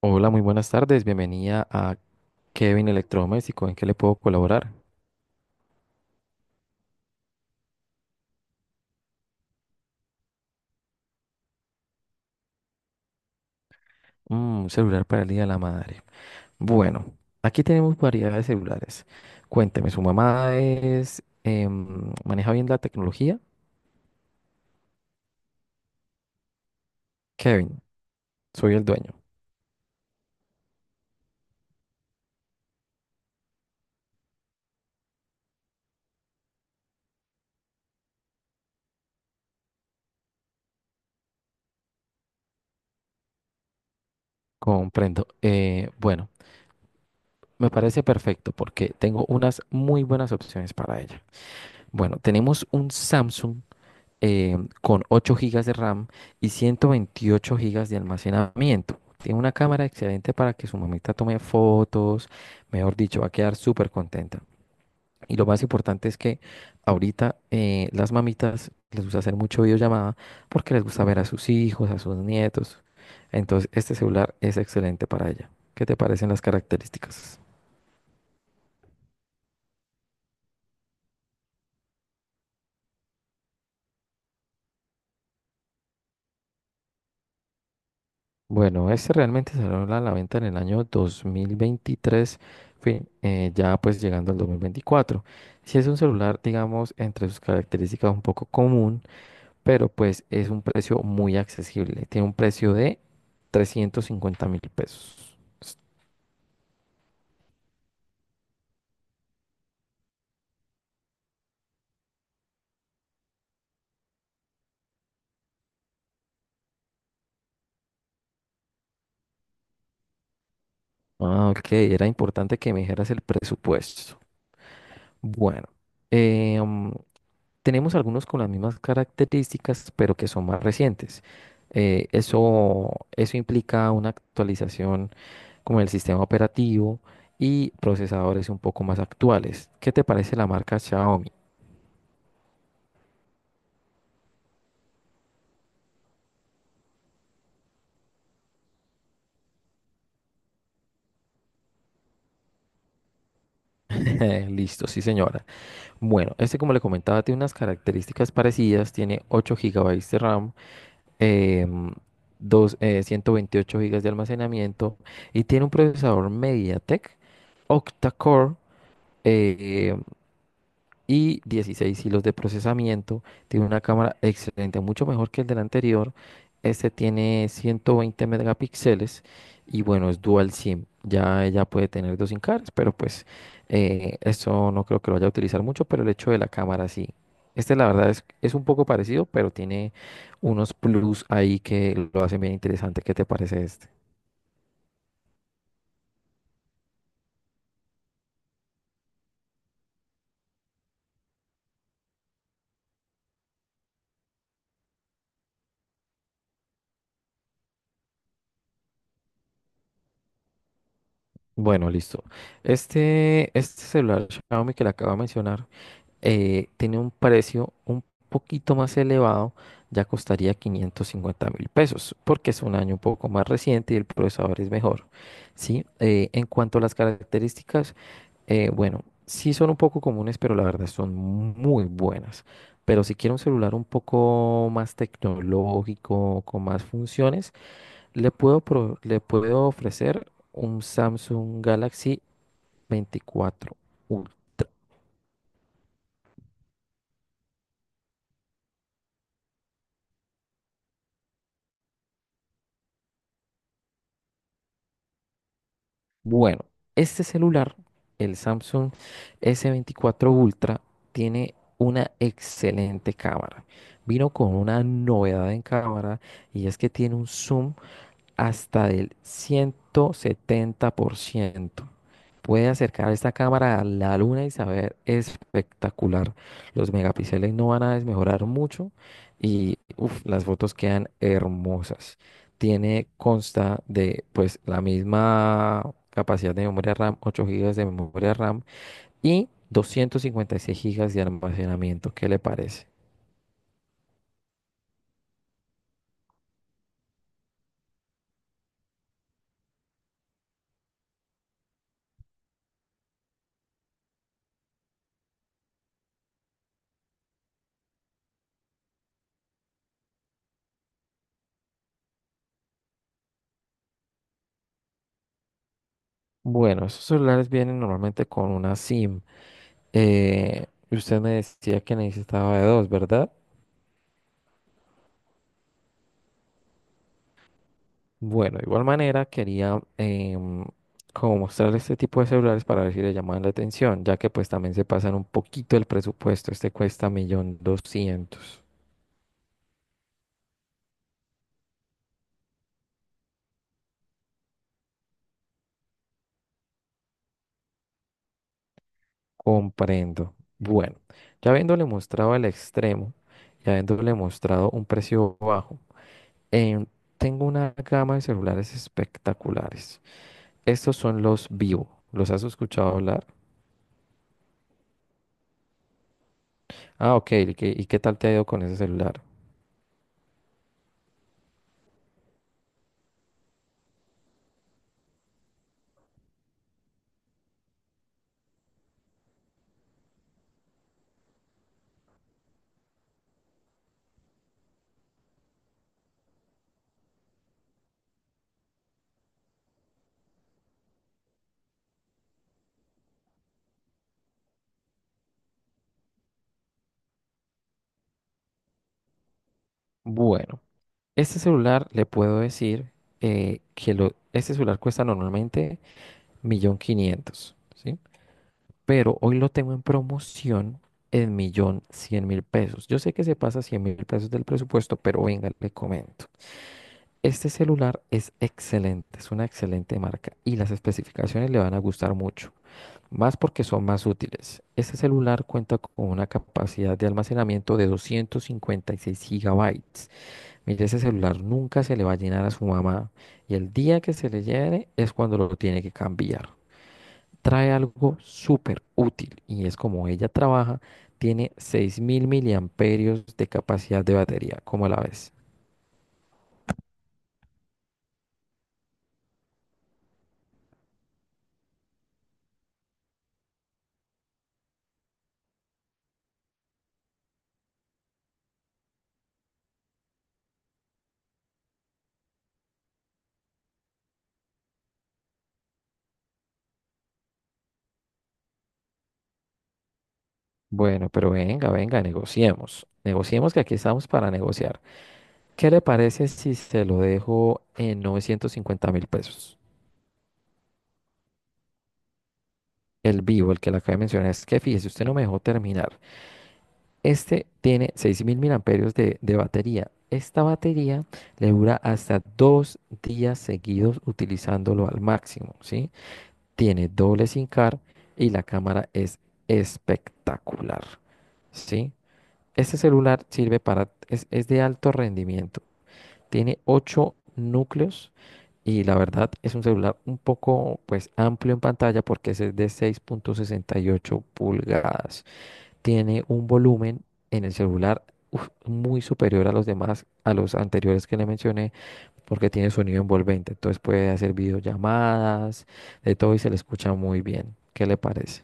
Hola, muy buenas tardes. Bienvenida a Kevin Electrodoméstico. ¿En qué le puedo colaborar? Mm, un celular para el Día de la Madre. Bueno, aquí tenemos variedad de celulares. Cuénteme, ¿su mamá es maneja bien la tecnología? Kevin, soy el dueño. Comprendo. Bueno, me parece perfecto porque tengo unas muy buenas opciones para ella. Bueno, tenemos un Samsung eh, con 8 gigas de RAM y 128 gigas de almacenamiento. Tiene una cámara excelente para que su mamita tome fotos, mejor dicho, va a quedar súper contenta. Y lo más importante es que ahorita las mamitas les gusta hacer mucho videollamada porque les gusta ver a sus hijos, a sus nietos. Entonces, este celular es excelente para ella. ¿Qué te parecen las características? Bueno, este realmente salió a la venta en el año 2023, ya pues llegando al 2024. Si es un celular, digamos, entre sus características un poco común, pero pues es un precio muy accesible. Tiene un precio de 350.000 pesos. Ah, ok, era importante que me dijeras el presupuesto. Bueno, em, tenemos algunos con las mismas características, pero que son más recientes. Eh, eso, eso implica una actualización como el sistema operativo y procesadores un poco más actuales. ¿Qué te parece la marca Xiaomi? Listo, sí señora. Bueno, este como le comentaba tiene unas características parecidas, tiene 8 gigabytes de RAM, em, 128 gigas de almacenamiento y tiene un procesador MediaTek octa-core eh, y 16 hilos de procesamiento. Tiene una cámara excelente, mucho mejor que el del anterior. Este tiene 120 megapíxeles y bueno, es dual SIM. Ya ella puede tener 2 SIM cards, pero pues eso no creo que lo vaya a utilizar mucho, pero el hecho de la cámara sí. Este la verdad es un poco parecido, pero tiene unos plus ahí que lo hacen bien interesante. ¿Qué te parece este? Bueno, listo. Este celular Xiaomi que le acabo de mencionar tiene un precio un poquito más elevado, ya costaría 550.000 pesos, porque es un año un poco más reciente y el procesador es mejor, ¿sí? En cuanto a las características, bueno, sí son un poco comunes, pero la verdad son muy buenas. Pero si quiero un celular un poco más tecnológico, con más funciones, le puedo, le puedo ofrecer un Samsung Galaxy 24 Ultra. Bueno, este celular, el Samsung S24 Ultra, tiene una excelente cámara. Vino con una novedad en cámara y es que tiene un zoom hasta del 170%. Puede acercar esta cámara a la luna y saber espectacular. Los megapíxeles no van a desmejorar mucho y uf, las fotos quedan hermosas. Tiene consta de pues la misma capacidad de memoria RAM, 8 gigas de memoria RAM y 256 gigas de almacenamiento. ¿Qué le parece? Bueno, esos celulares vienen normalmente con una SIM. Usted me decía que necesitaba de dos, ¿verdad? Bueno, de igual manera quería como mostrarle este tipo de celulares para ver si le llaman la atención, ya que pues también se pasan un poquito el presupuesto. Este cuesta 1.200.000. Comprendo. Bueno, ya habiéndole mostrado el extremo y habiéndole mostrado un precio bajo, em, tengo una gama de celulares espectaculares. Estos son los Vivo. ¿Los has escuchado hablar? Ah, ok. ¿Y qué tal te ha ido con ese celular? Bueno, este celular le puedo decir este celular cuesta normalmente 1.500.000, ¿sí? Pero hoy lo tengo en promoción en 1.100.000 pesos. Yo sé que se pasa 100.000 pesos del presupuesto, pero venga, le comento. Este celular es excelente, es una excelente marca y las especificaciones le van a gustar mucho. Más porque son más útiles. Este celular cuenta con una capacidad de almacenamiento de 256 gigabytes. Mire, ese celular nunca se le va a llenar a su mamá y el día que se le llene es cuando lo tiene que cambiar. Trae algo súper útil y es como ella trabaja, tiene 6.000 miliamperios de capacidad de batería. ¿Cómo la ves? Bueno, pero venga, negociemos. Negociemos que aquí estamos para negociar. ¿Qué le parece si se lo dejo en 950 mil pesos? El Vivo, el que le acabo de mencionar, es que fíjese, usted no me dejó terminar. Este tiene 6000 mil miliamperios de batería. Esta batería le dura hasta 2 días seguidos utilizándolo al máximo, ¿sí? Tiene doble SIM car y la cámara es espectacular, ¿sí? Este celular sirve para, es de alto rendimiento. Tiene 8 núcleos y la verdad es un celular un poco pues amplio en pantalla porque ese es de 6,68 pulgadas. Tiene un volumen en el celular uf, muy superior a los demás, a los anteriores que le mencioné, porque tiene sonido envolvente. Entonces puede hacer videollamadas, de todo y se le escucha muy bien. ¿Qué le parece?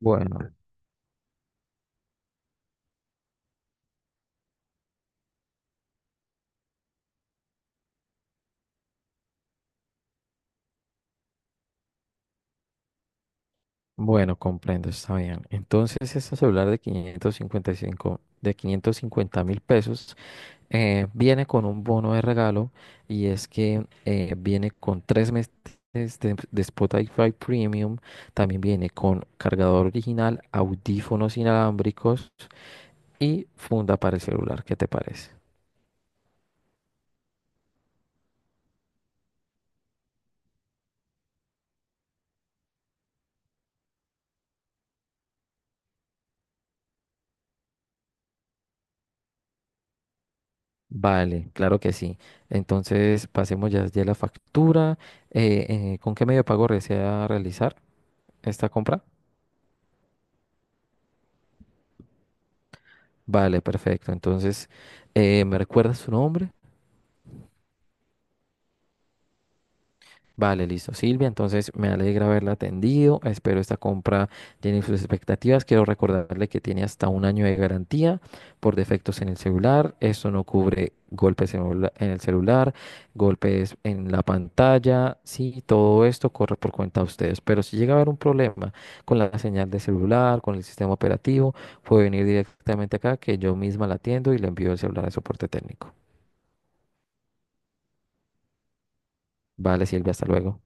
Bueno, bueno, comprendo, está bien. Entonces, este celular de 555 de 550.000 pesos viene con un bono de regalo y es que viene con 3 meses de Spotify Premium, también viene con cargador original, audífonos inalámbricos y funda para el celular. ¿Qué te parece? Vale, claro que sí. Entonces pasemos ya la factura. Eh, ¿Con qué medio de pago desea realizar esta compra? Vale, perfecto. Entonces, ¿me recuerdas su nombre? Vale, listo, Silvia. Entonces me alegra haberla atendido. Espero esta compra tiene sus expectativas. Quiero recordarle que tiene hasta 1 año de garantía por defectos en el celular. Esto no cubre golpes en en el celular, golpes en la pantalla. Sí, todo esto corre por cuenta de ustedes. Pero si llega a haber un problema con la señal de celular, con el sistema operativo, puede venir directamente acá que yo misma la atiendo y le envío el celular al soporte técnico. Vale, Silvia, hasta luego.